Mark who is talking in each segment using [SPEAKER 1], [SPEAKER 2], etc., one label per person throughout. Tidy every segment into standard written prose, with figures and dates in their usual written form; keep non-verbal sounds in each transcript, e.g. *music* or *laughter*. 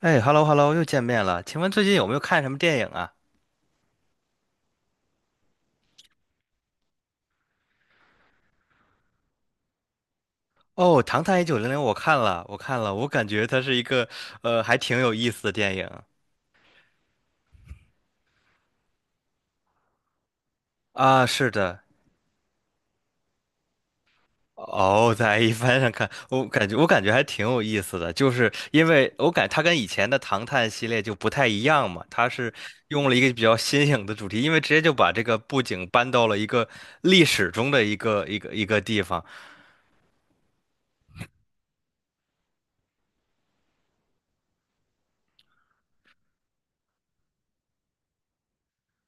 [SPEAKER 1] 哎，hello hello，又见面了。请问最近有没有看什么电影啊？哦，《唐探一九零零》，我看了，我看了，我感觉它是一个还挺有意思的电影啊。是的，哦，在 A 翻上看，我感觉还挺有意思的，就是因为我感它跟以前的《唐探》系列就不太一样嘛，它是用了一个比较新颖的主题，因为直接就把这个布景搬到了一个历史中的一个地方。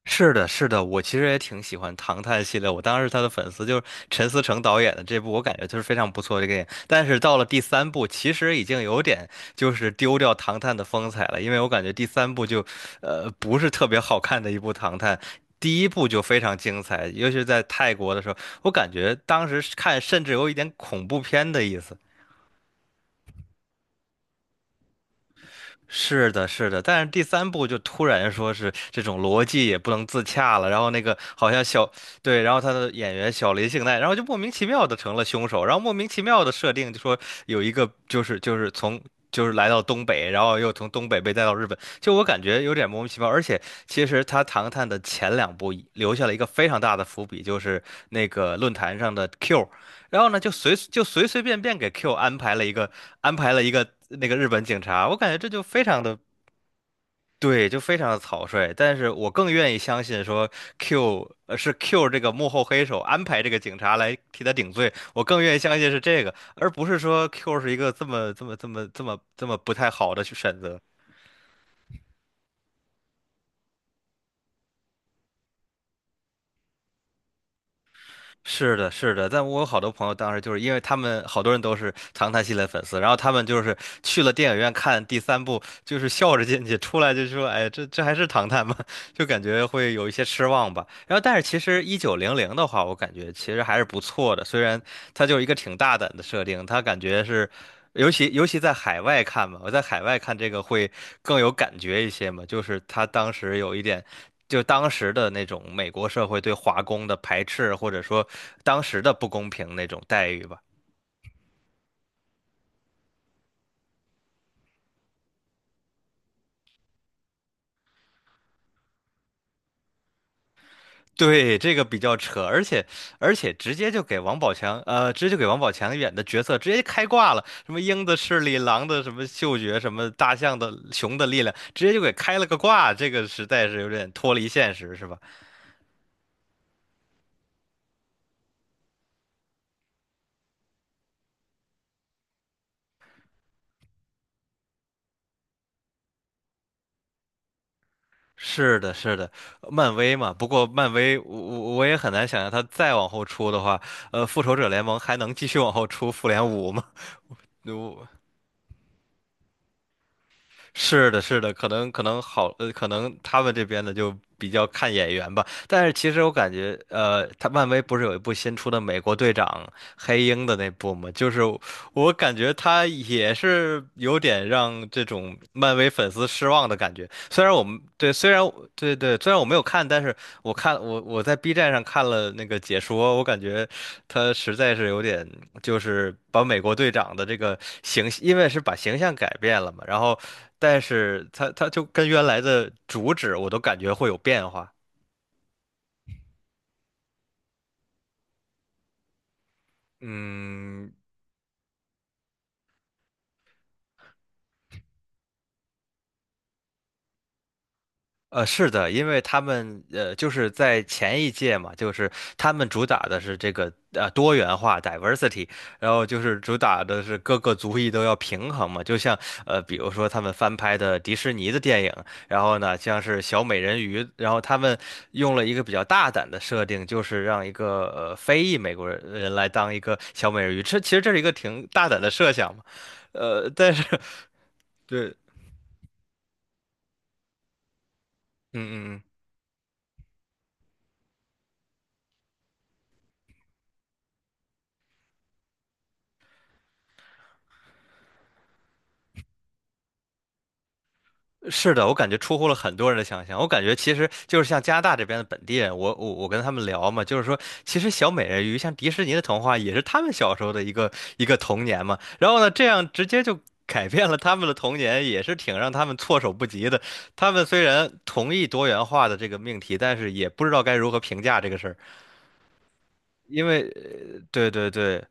[SPEAKER 1] 是的，是的，我其实也挺喜欢《唐探》系列，我当时是他的粉丝，就是陈思诚导演的这部，我感觉就是非常不错的电影。但是到了第三部，其实已经有点就是丢掉《唐探》的风采了，因为我感觉第三部就，不是特别好看的一部《唐探》。第一部就非常精彩，尤其是在泰国的时候，我感觉当时是看甚至有一点恐怖片的意思。是的，是的，但是第三部就突然说是这种逻辑也不能自洽了，然后那个好像小，对，然后他的演员小林幸奈，然后就莫名其妙的成了凶手，然后莫名其妙的设定就说有一个就是就是从就是来到东北，然后又从东北被带到日本，就我感觉有点莫名其妙，而且其实他《唐探》的前两部留下了一个非常大的伏笔，就是那个论坛上的 Q。然后呢，就随就随随便便给 Q 安排了一个那个日本警察，我感觉这就非常的对，就非常的草率。但是我更愿意相信说 是 Q 这个幕后黑手安排这个警察来替他顶罪，我更愿意相信是这个，而不是说 Q 是一个这么不太好的去选择。是的，是的，但我有好多朋友当时就是因为他们好多人都是《唐探》系列粉丝，然后他们就是去了电影院看第三部，就是笑着进去，出来就说：“哎，这还是《唐探》吗？” *laughs* 就感觉会有一些失望吧。然后，但是其实一九零零的话，我感觉其实还是不错的，虽然它就是一个挺大胆的设定，它感觉是，尤其在海外看嘛，我在海外看这个会更有感觉一些嘛，就是他当时有一点。就当时的那种美国社会对华工的排斥，或者说当时的不公平那种待遇吧。对，这个比较扯，而且而且直接就给王宝强，呃，直接就给王宝强演的角色直接开挂了，什么鹰的视力、狼的什么嗅觉、什么大象的、熊的力量，直接就给开了个挂，这个实在是有点脱离现实，是吧？是的，是的，漫威嘛。不过漫威，我也很难想象他再往后出的话，复仇者联盟还能继续往后出复联五吗？如是的，是的，可能好，可能他们这边的就比较看眼缘吧。但是其实我感觉，他漫威不是有一部新出的《美国队长：黑鹰》的那部吗？就是我感觉他也是有点让这种漫威粉丝失望的感觉。虽然我们对，虽然我对对，虽然我没有看，但是我看我我在 B 站上看了那个解说，我感觉他实在是有点，就是把美国队长的这个因为是把形象改变了嘛，然后，但是他就跟原来的主旨我都感觉会有变化。嗯，是的，因为他们就是在前一届嘛，就是他们主打的是这个多元化 diversity，然后就是主打的是各个族裔都要平衡嘛，就像比如说他们翻拍的迪士尼的电影，然后呢，像是小美人鱼，然后他们用了一个比较大胆的设定，就是让一个非裔美国人来当一个小美人鱼，这其实这是一个挺大胆的设想嘛，但是 *laughs* 对，嗯嗯嗯。是的，我感觉出乎了很多人的想象。我感觉其实就是像加拿大这边的本地人，我跟他们聊嘛，就是说，其实小美人鱼像迪士尼的童话也是他们小时候的一个童年嘛。然后呢，这样直接就改变了他们的童年，也是挺让他们措手不及的。他们虽然同意多元化的这个命题，但是也不知道该如何评价这个事儿，因为对对对，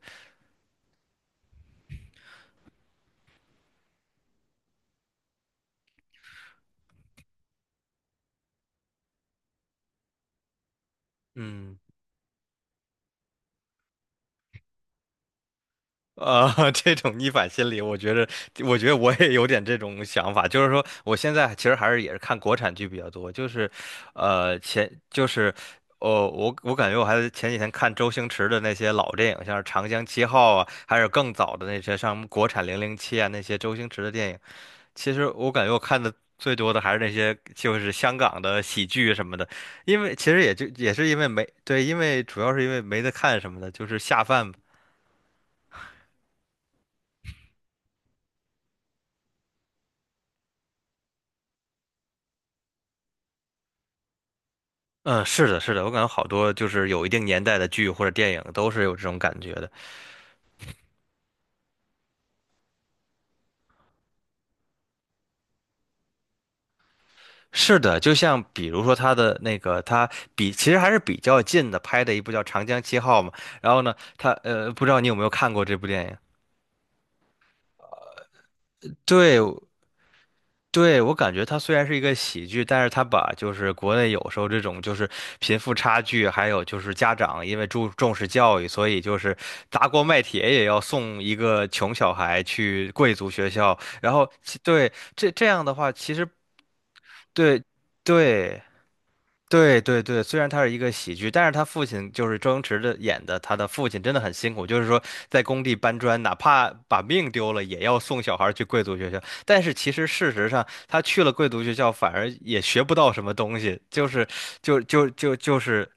[SPEAKER 1] 嗯。*laughs* 这种逆反心理，我觉得，我觉得我也有点这种想法，就是说，我现在其实还是也是看国产剧比较多，就是，呃，前就是，哦，我感觉我还前几天看周星驰的那些老电影，像是《长江七号》啊，还有更早的那些像国产《零零七》啊，那些周星驰的电影，其实我感觉我看的最多的还是那些就是香港的喜剧什么的，因为其实也就也是因为没对，因为主要是因为没得看什么的，就是下饭嘛嗯，是的，是的，我感觉好多就是有一定年代的剧或者电影都是有这种感觉的。是的，就像比如说他的那个，他其实还是比较近的拍的一部叫《长江七号》嘛。然后呢，他不知道你有没有看过这部电影？对，对，我感觉它虽然是一个喜剧，但是它把就是国内有时候这种就是贫富差距，还有就是家长因为注重视教育，所以就是砸锅卖铁也要送一个穷小孩去贵族学校，然后对这样的话，其实对对。对对对，虽然它是一个喜剧，但是他父亲就是周星驰的演的，他的父亲真的很辛苦，就是说在工地搬砖，哪怕把命丢了，也要送小孩儿去贵族学校。但是其实事实上，他去了贵族学校，反而也学不到什么东西，就是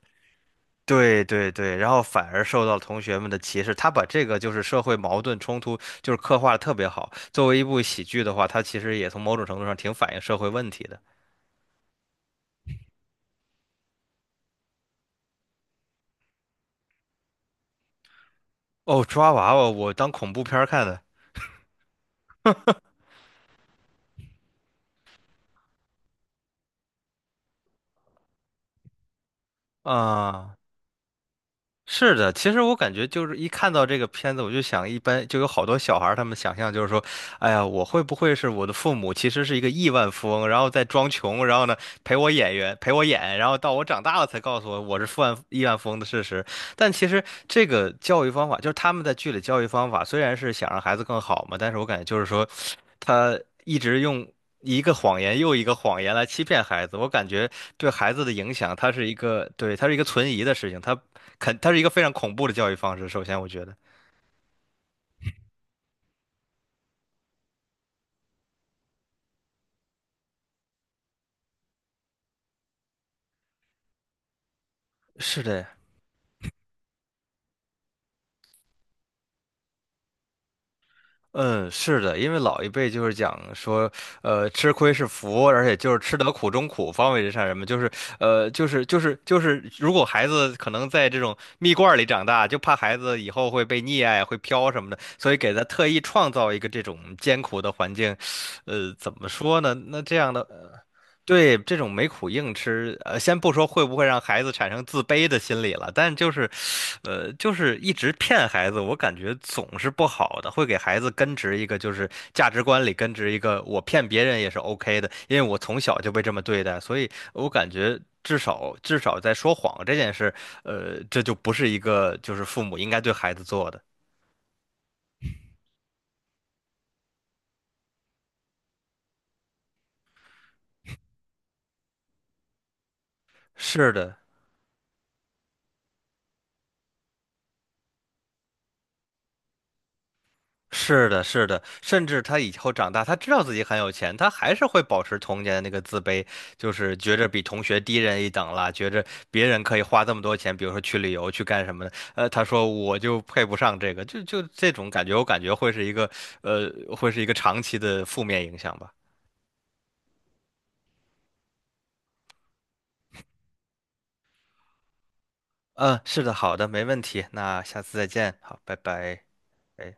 [SPEAKER 1] 对对对，然后反而受到同学们的歧视。他把这个就是社会矛盾冲突，就是刻画的特别好。作为一部喜剧的话，他其实也从某种程度上挺反映社会问题的。哦，抓娃娃，我当恐怖片儿看的。啊、是的，其实我感觉就是一看到这个片子，我就想，一般就有好多小孩儿，他们想象就是说，哎呀，我会不会是我的父母其实是一个亿万富翁，然后在装穷，然后呢陪我演，然后到我长大了才告诉我我是亿万富翁的事实。但其实这个教育方法，就是他们在剧里教育方法，虽然是想让孩子更好嘛，但是我感觉就是说，他一直用一个谎言又一个谎言来欺骗孩子，我感觉对孩子的影响，它是一个，对，它是一个存疑的事情。它是一个非常恐怖的教育方式。首先，我觉得是的，嗯，是的，因为老一辈就是讲说，吃亏是福，而且就是吃得苦中苦，方为人上人嘛，就是，就是，如果孩子可能在这种蜜罐儿里长大，就怕孩子以后会被溺爱、会飘什么的，所以给他特意创造一个这种艰苦的环境，怎么说呢？那这样的对，这种没苦硬吃，先不说会不会让孩子产生自卑的心理了，但就是，就是一直骗孩子，我感觉总是不好的，会给孩子根植一个就是价值观里根植一个我骗别人也是 OK 的，因为我从小就被这么对待，所以我感觉至少至少在说谎这件事，这就不是一个就是父母应该对孩子做的。是的。是的，是的，甚至他以后长大，他知道自己很有钱，他还是会保持童年的那个自卑，就是觉着比同学低人一等啦，觉着别人可以花这么多钱，比如说去旅游去干什么的，他说我就配不上这个，这种感觉，我感觉会是一个，呃，会是一个长期的负面影响吧。嗯，是的，好的，没问题，那下次再见，好，拜拜。哎。